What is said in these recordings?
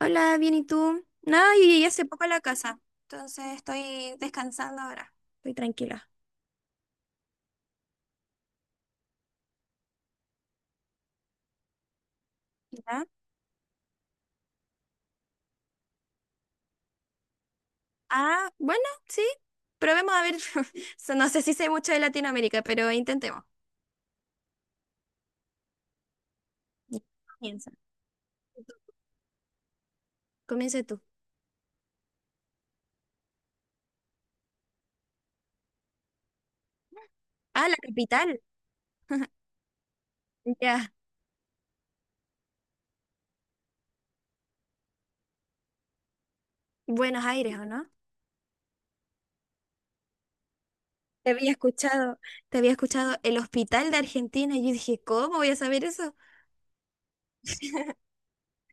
Hola, bien, ¿y tú? Nada, yo llegué hace poco a la casa, entonces estoy descansando ahora. Estoy tranquila. ¿Ya? Ah, bueno, sí. Probemos a ver. So, no sé si sé mucho de Latinoamérica, pero intentemos. Ya, comienza. Tú. Comienza tú. Ah, la capital. Ya, Buenos Aires, ¿o no? Te había escuchado, te había escuchado el hospital de Argentina. Y yo dije, ¿cómo voy a saber eso?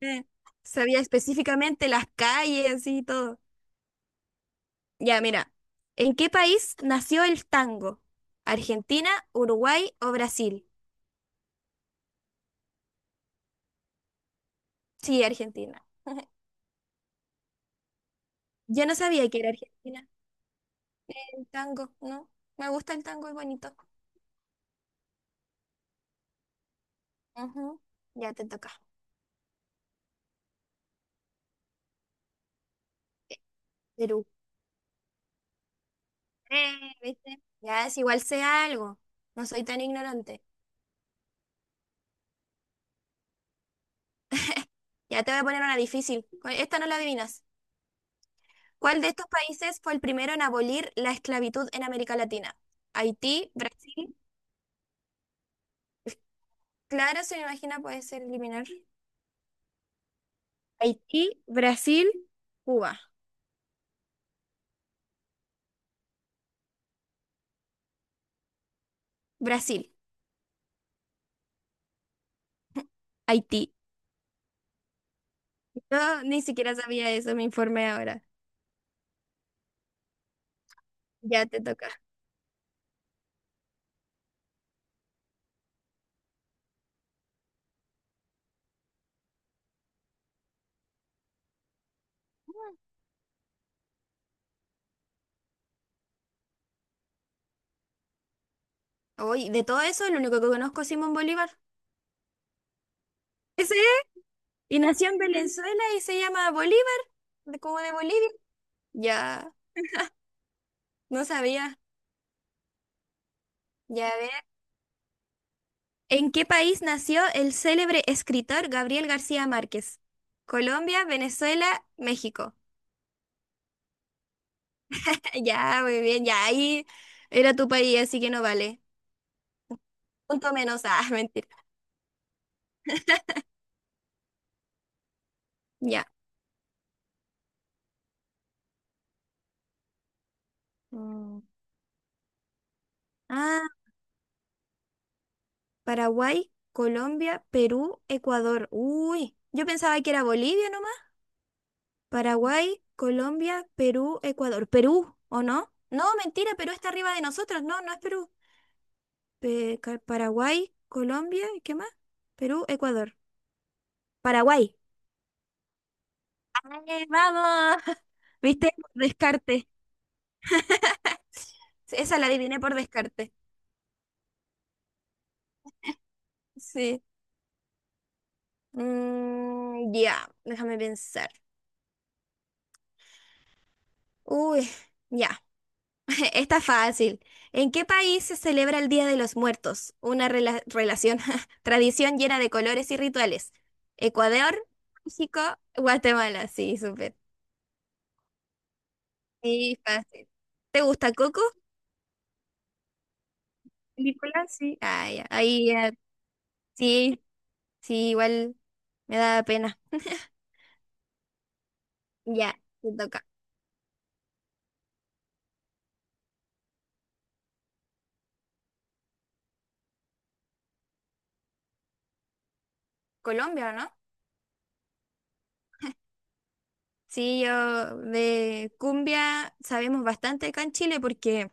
Eh, sabía específicamente las calles y todo. Ya, mira, ¿en qué país nació el tango? ¿Argentina, Uruguay o Brasil? Sí, Argentina. Yo no sabía que era Argentina. El tango, ¿no? Me gusta el tango, es bonito. Ujú. Ya te toca. Perú. Eh, ¿Viste? Ya es igual sé algo. No soy tan ignorante. Ya te voy a poner una difícil. Esta no la adivinas. ¿Cuál de estos países fue el primero en abolir la esclavitud en América Latina? Haití, Brasil. Claro, se me imagina puede ser eliminar. Haití, Brasil, Cuba. Brasil, Haití. Yo ni siquiera sabía eso, me informé ahora. Ya te toca. Hoy, de todo eso, lo único que conozco es Simón Bolívar. Ese es. Y nació en Venezuela y se llama Bolívar, como de Bolivia. Ya, no sabía. Ya, a ver. ¿En qué país nació el célebre escritor Gabriel García Márquez? Colombia, Venezuela, México. Ya, muy bien, ya ahí era tu país, así que no vale. Punto menos, ah, mentira. Ya. Mm. Ah, Paraguay, Colombia, Perú, Ecuador. Uy, yo pensaba que era Bolivia nomás. Paraguay, Colombia, Perú, Ecuador. Perú, ¿o no? No, mentira, Perú está arriba de nosotros. No, no es Perú. Paraguay, Colombia, ¿qué más? Perú, Ecuador. Paraguay. ¡Ay, vamos! ¿Viste? Por descarte. Esa la adiviné por descarte. Sí. Mm, ya, déjame pensar. Uy, ya. Está fácil. ¿En qué país se celebra el Día de los Muertos? Una relación, tradición llena de colores y rituales. Ecuador, México, Guatemala. Sí, súper. Sí, fácil. ¿Te gusta Coco? Película, sí. Ah, ya. Ahí ya. Sí, sí, igual me da pena. Ya, te toca. Colombia, ¿o no? Sí, yo de cumbia sabemos bastante acá en Chile porque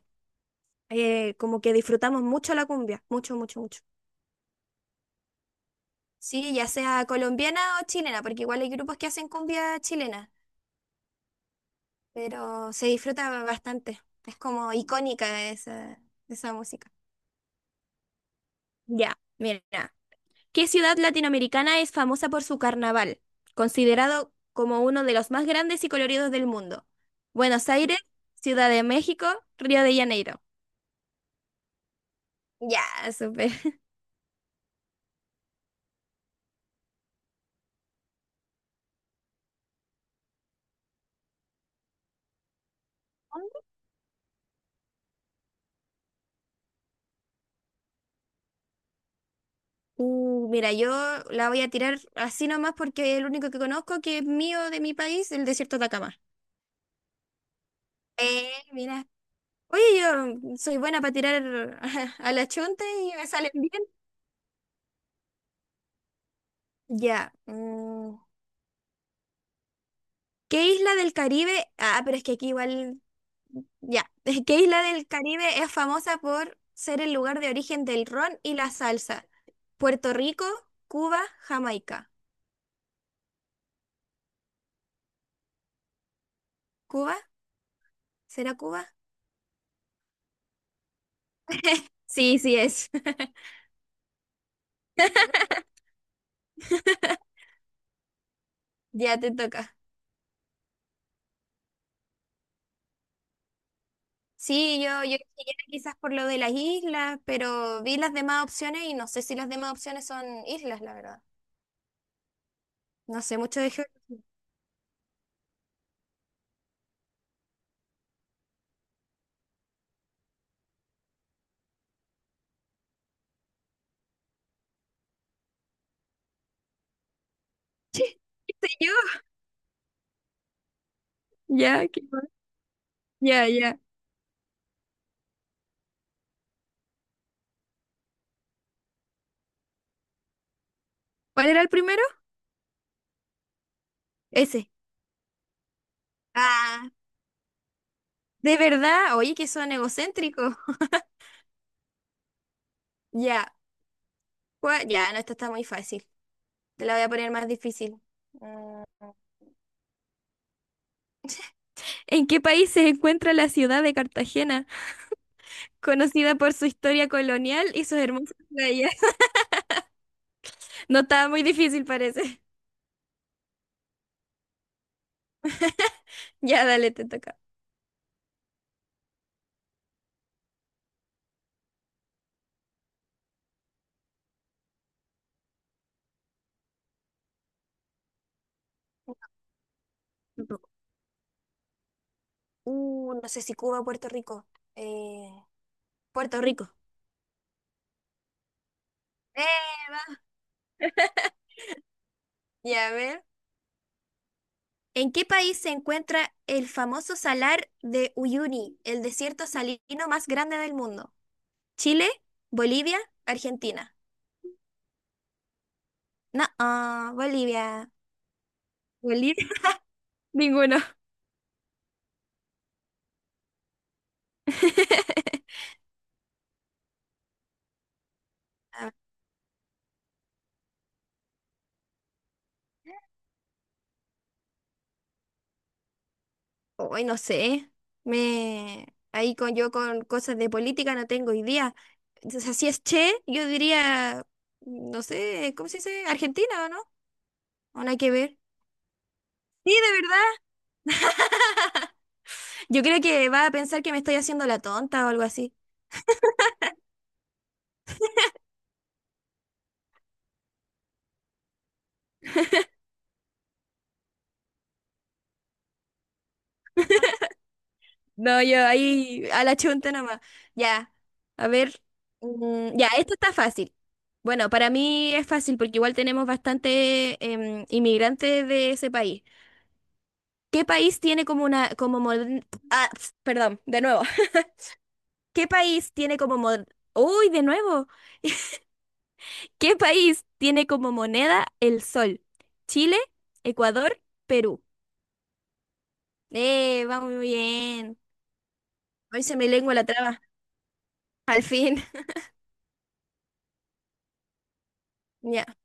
como que disfrutamos mucho la cumbia. Mucho, mucho, mucho. Sí, ya sea colombiana o chilena, porque igual hay grupos que hacen cumbia chilena, pero se disfruta bastante. Es como icónica esa música. Ya, mira. ¿Qué ciudad latinoamericana es famosa por su carnaval, considerado como uno de los más grandes y coloridos del mundo? Buenos Aires, Ciudad de México, Río de Janeiro. Ya, súper. Mira, yo la voy a tirar así nomás porque es el único que conozco que es mío de mi país, el desierto de Atacama. Mira. Oye, yo soy buena para tirar a la chunta y me salen bien. Ya. ¿Qué isla del Caribe? Ah, pero es que aquí igual. Ya. ¿Qué isla del Caribe es famosa por ser el lugar de origen del ron y la salsa? Puerto Rico, Cuba, Jamaica. ¿Cuba? ¿Será Cuba? Sí, sí es. Ya te toca. Sí, yo dije ya quizás por lo de las islas, pero vi las demás opciones y no sé si las demás opciones son islas, la verdad. No sé mucho de geografía. Che, ¿qué sé yo? Ya, ¿qué más? Ya, ya. ¿Cuál era el primero? Ese. Ah, de verdad. Oye, que son egocéntricos. Ya. ¿Cuál? Ya, no, esta está muy fácil. Te la voy a poner más difícil. Mm. ¿En qué país se encuentra la ciudad de Cartagena, conocida por su historia colonial y sus hermosas playas? No estaba muy difícil, parece. Ya, dale, te toca. Tampoco. No sé si Cuba o Puerto Rico. Eh, Puerto Rico. Eh, va. Ya, a ver. ¿En qué país se encuentra el famoso salar de Uyuni, el desierto salino más grande del mundo? ¿Chile? ¿Bolivia? ¿Argentina? No, ah, Bolivia. Bolivia. Ninguno. Ah, hoy no sé. Me ahí con yo con cosas de política no tengo idea. Entonces, así es che, yo diría, no sé, ¿cómo se dice? ¿Argentina o no? ¿O no hay que ver? Sí, de verdad. Yo creo que va a pensar que me estoy haciendo la tonta o algo así. No, yo ahí a la chunta nomás. Ya, a ver. Ya, esto está fácil. Bueno, para mí es fácil porque igual tenemos bastante inmigrantes de ese país. ¿Qué país tiene como una, como moder- ah, ps, perdón, de nuevo. ¿Qué país tiene como mod- Uy, de nuevo. ¿Qué país tiene como moneda el sol? Chile, Ecuador, Perú. Va muy bien. Hoy se me lengua la traba. Al fin. Ya.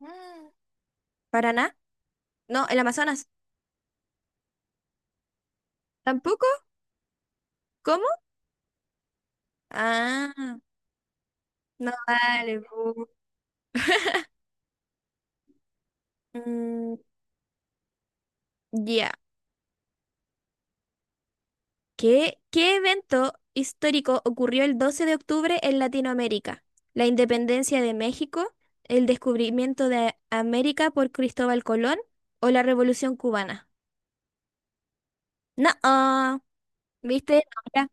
Mm. Paraná. No, el Amazonas. ¿Tampoco? ¿Cómo? Ah, no vale. Pu. Mm, ya. ¿Qué evento histórico ocurrió el 12 de octubre en Latinoamérica? La independencia de México, el descubrimiento de América por Cristóbal Colón o la Revolución cubana. No, ah, ¿viste? No, ya,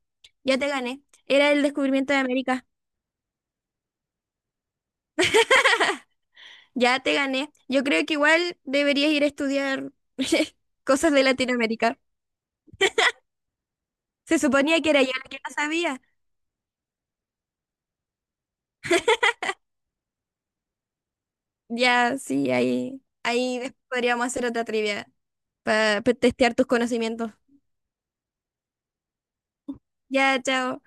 ya te gané. Era el descubrimiento de América. Ya te gané. Yo creo que igual deberías ir a estudiar cosas de Latinoamérica. Se suponía que era yo la que no sabía. Ya, sí, ahí, ahí después podríamos hacer otra trivia para testear tus conocimientos. Ya, chao.